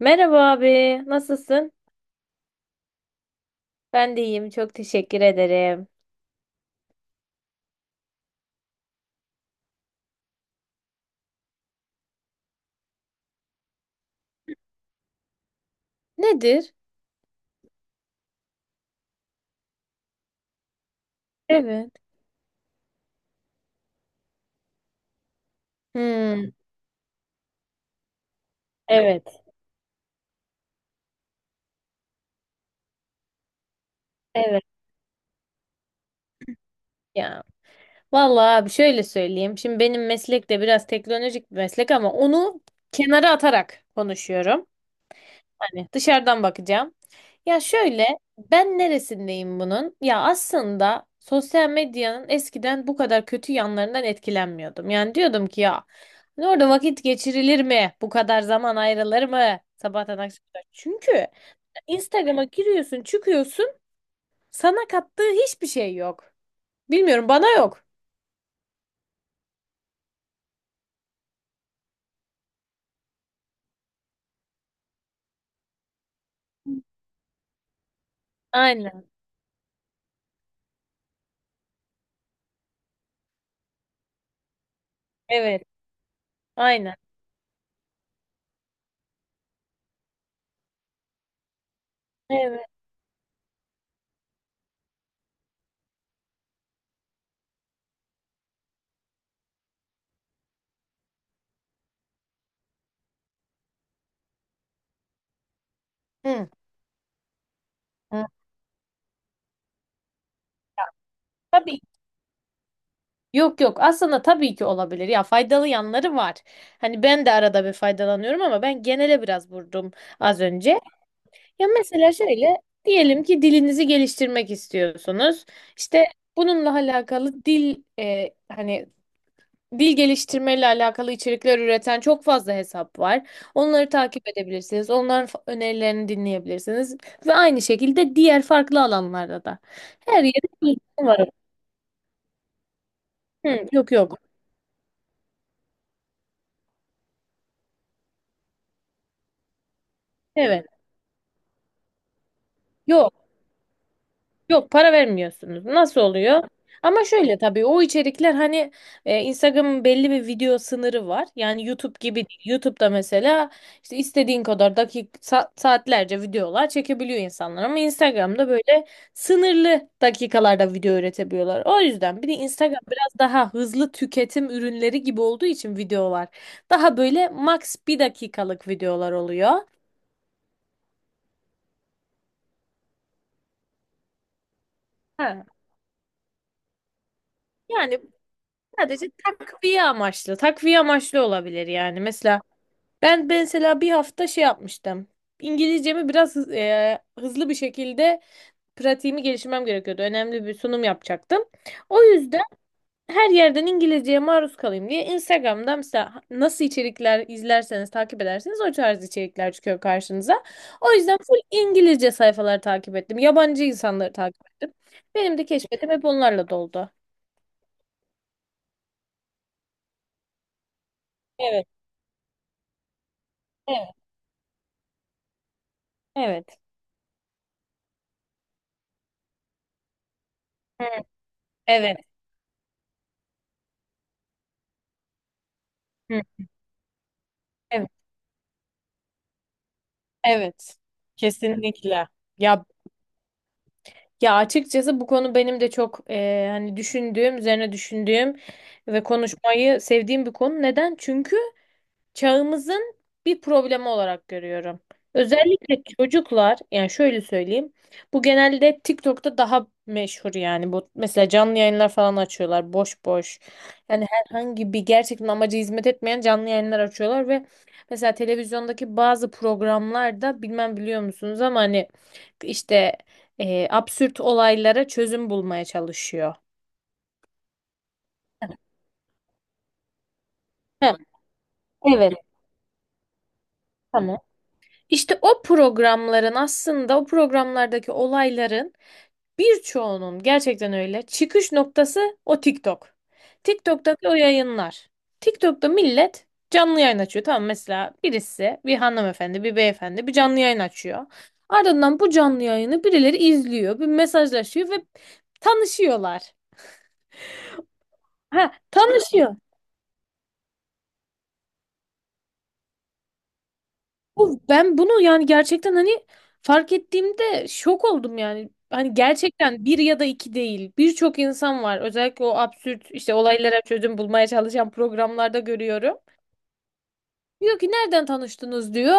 Merhaba abi, nasılsın? Ben de iyiyim, çok teşekkür ederim. Nedir? Evet. Hmm, evet, evet ya. Vallahi abi şöyle söyleyeyim. Şimdi benim meslek de biraz teknolojik bir meslek ama onu kenara atarak konuşuyorum. Yani dışarıdan bakacağım. Ya şöyle, ben neresindeyim bunun? Ya aslında sosyal medyanın eskiden bu kadar kötü yanlarından etkilenmiyordum. Yani diyordum ki ya hani orada vakit geçirilir mi? Bu kadar zaman ayrılır mı? Sabahtan akşama kadar. Çünkü Instagram'a giriyorsun, çıkıyorsun. Sana kattığı hiçbir şey yok. Bilmiyorum, bana yok. Aynen. Evet. Aynen. Evet. Hı. Hı. Tabii. Yok yok, aslında tabii ki olabilir, ya faydalı yanları var. Hani ben de arada bir faydalanıyorum ama ben genele biraz vurdum az önce. Ya mesela şöyle diyelim ki dilinizi geliştirmek istiyorsunuz. İşte bununla alakalı dil hani dil geliştirmeyle alakalı içerikler üreten çok fazla hesap var. Onları takip edebilirsiniz. Onların önerilerini dinleyebilirsiniz ve aynı şekilde diğer farklı alanlarda da. Her yerde bilgi var. Hı, yok yok. Evet. Yok. Yok, para vermiyorsunuz. Nasıl oluyor? Ama şöyle, tabii o içerikler hani Instagram'ın belli bir video sınırı var. Yani YouTube gibi değil. YouTube'da mesela işte istediğin kadar saatlerce videolar çekebiliyor insanlar ama Instagram'da böyle sınırlı dakikalarda video üretebiliyorlar. O yüzden bir de Instagram biraz daha hızlı tüketim ürünleri gibi olduğu için videolar daha böyle max bir dakikalık videolar oluyor. Ha. Yani sadece takviye amaçlı. Takviye amaçlı olabilir yani. Mesela ben mesela bir hafta şey yapmıştım. İngilizcemi biraz hızlı bir şekilde pratiğimi geliştirmem gerekiyordu. Önemli bir sunum yapacaktım. O yüzden her yerden İngilizceye maruz kalayım diye Instagram'da mesela nasıl içerikler izlerseniz, takip ederseniz o tarz içerikler çıkıyor karşınıza. O yüzden full İngilizce sayfaları takip ettim. Yabancı insanları takip ettim. Benim de keşfetim hep onlarla doldu. Evet, evet, evet. Hı, evet. Hı, evet, evet. Kesinlikle. Ya, ya açıkçası bu konu benim de çok hani düşündüğüm, üzerine düşündüğüm ve konuşmayı sevdiğim bir konu. Neden? Çünkü çağımızın bir problemi olarak görüyorum. Özellikle çocuklar, yani şöyle söyleyeyim. Bu genelde TikTok'ta daha meşhur, yani bu mesela canlı yayınlar falan açıyorlar boş boş. Yani herhangi bir gerçekten amaca hizmet etmeyen canlı yayınlar açıyorlar ve mesela televizyondaki bazı programlarda bilmem biliyor musunuz ama hani işte absürt olaylara çözüm bulmaya çalışıyor. Heh, evet. Tamam. İşte o programların, aslında o programlardaki olayların birçoğunun gerçekten öyle. Çıkış noktası o TikTok. TikTok'taki o yayınlar. TikTok'ta millet canlı yayın açıyor. Tamam, mesela birisi, bir hanımefendi bir beyefendi bir canlı yayın açıyor. Ardından bu canlı yayını birileri izliyor. Bir mesajlaşıyor ve tanışıyorlar. Ha, tanışıyor. Ben bunu yani gerçekten hani fark ettiğimde şok oldum yani. Hani gerçekten bir ya da iki değil. Birçok insan var. Özellikle o absürt işte olaylara çözüm bulmaya çalışan programlarda görüyorum. Diyor ki nereden tanıştınız diyor.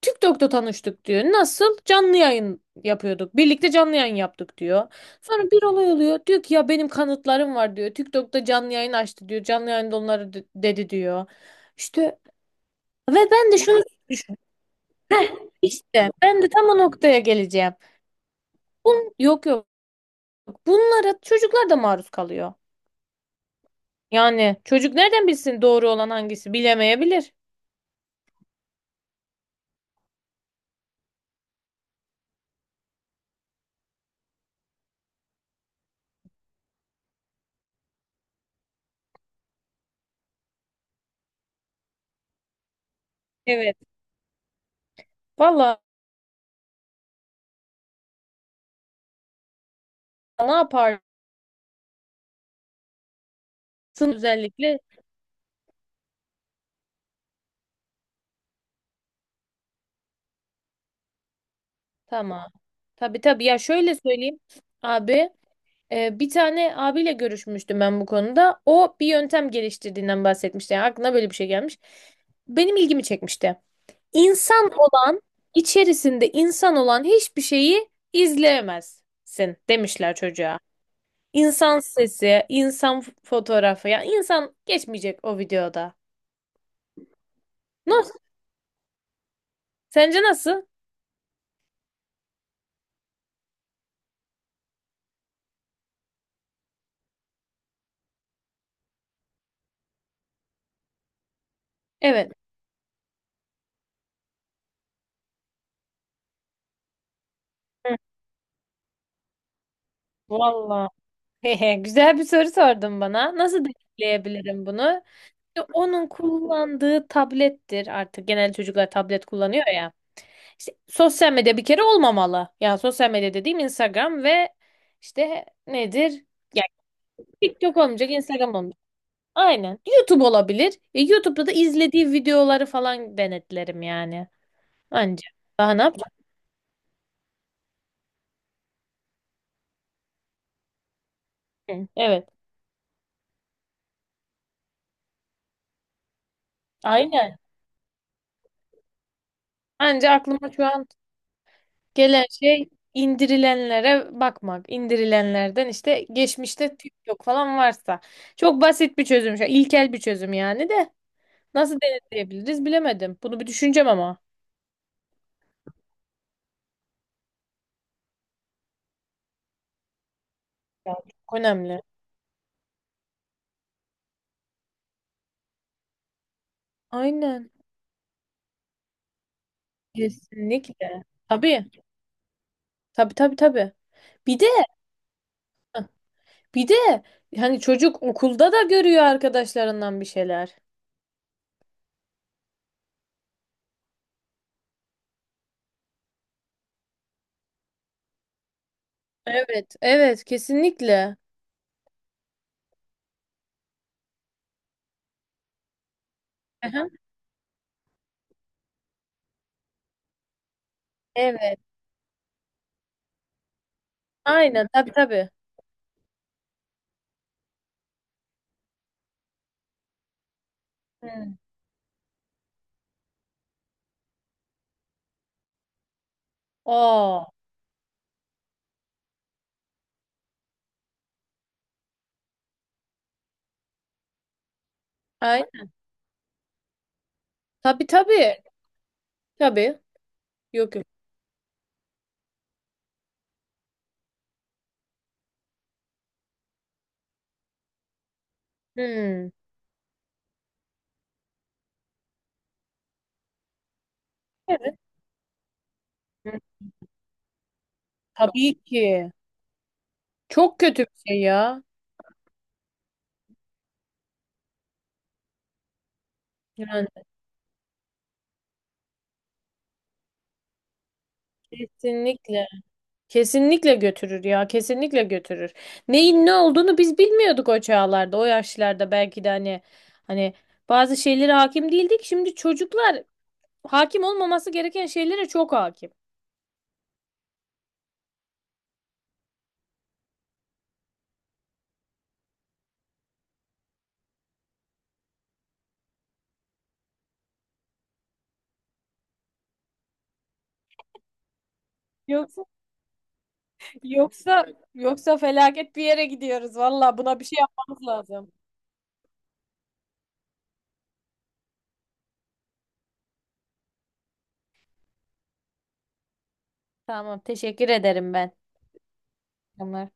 TikTok'ta tanıştık diyor. Nasıl? Canlı yayın yapıyorduk. Birlikte canlı yayın yaptık diyor. Sonra bir olay oluyor. Diyor ki ya benim kanıtlarım var diyor. TikTok'ta canlı yayın açtı diyor. Canlı yayında onları dedi diyor. İşte ve ben de şunu, İşte ben de tam o noktaya geleceğim. Yok yok. Bunlara çocuklar da maruz kalıyor. Yani çocuk nereden bilsin, doğru olan hangisi bilemeyebilir. Evet. Valla, ne yaparsın özellikle? Tamam. Tabii tabii. Ya şöyle söyleyeyim. Abi, bir tane abiyle görüşmüştüm ben bu konuda. O bir yöntem geliştirdiğinden bahsetmişti. Yani aklına böyle bir şey gelmiş. Benim ilgimi çekmişti. İnsan olan, içerisinde insan olan hiçbir şeyi izleyemezsin demişler çocuğa. İnsan sesi, insan fotoğrafı, ya insan geçmeyecek o videoda. Nasıl? Sence nasıl? Evet. Hı, vallahi. Hehe, güzel bir soru sordun bana. Nasıl deneyimleyebilirim bunu? İşte onun kullandığı tablettir artık. Genel çocuklar tablet kullanıyor ya. İşte sosyal medya bir kere olmamalı. Yani sosyal medya dediğim Instagram ve işte nedir? TikTok olmayacak, Instagram olmayacak. Aynen. YouTube olabilir. E, YouTube'da da izlediği videoları falan denetlerim yani. Anca. Daha ne yapacağım ki? Evet. Aynen. Anca aklıma şu an gelen şey indirilenlere bakmak. İndirilenlerden işte geçmişte TikTok falan varsa. Çok basit bir çözüm. Şu an, ilkel bir çözüm yani de. Nasıl denetleyebiliriz bilemedim. Bunu bir düşüneceğim ama. Ya, çok önemli. Aynen. Kesinlikle. Tabii. Tabii tabii tabii. Bir de Bir de hani çocuk okulda da görüyor arkadaşlarından bir şeyler. Evet, evet kesinlikle. Aha. Evet. Aynen tabii tabii. Hmm. Aa, ay, tabii tabii. Tabii. Yok yok. Hmm. Evet. Hı. Tabii ki. Çok kötü bir şey ya. Yani kesinlikle. Kesinlikle götürür ya. Kesinlikle götürür. Neyin ne olduğunu biz bilmiyorduk o çağlarda, o yaşlarda belki de hani, hani bazı şeylere hakim değildik. Şimdi çocuklar hakim olmaması gereken şeylere çok hakim. Yoksa yoksa yoksa felaket bir yere gidiyoruz. Valla buna bir şey yapmamız lazım. Tamam, teşekkür ederim ben. Tamam.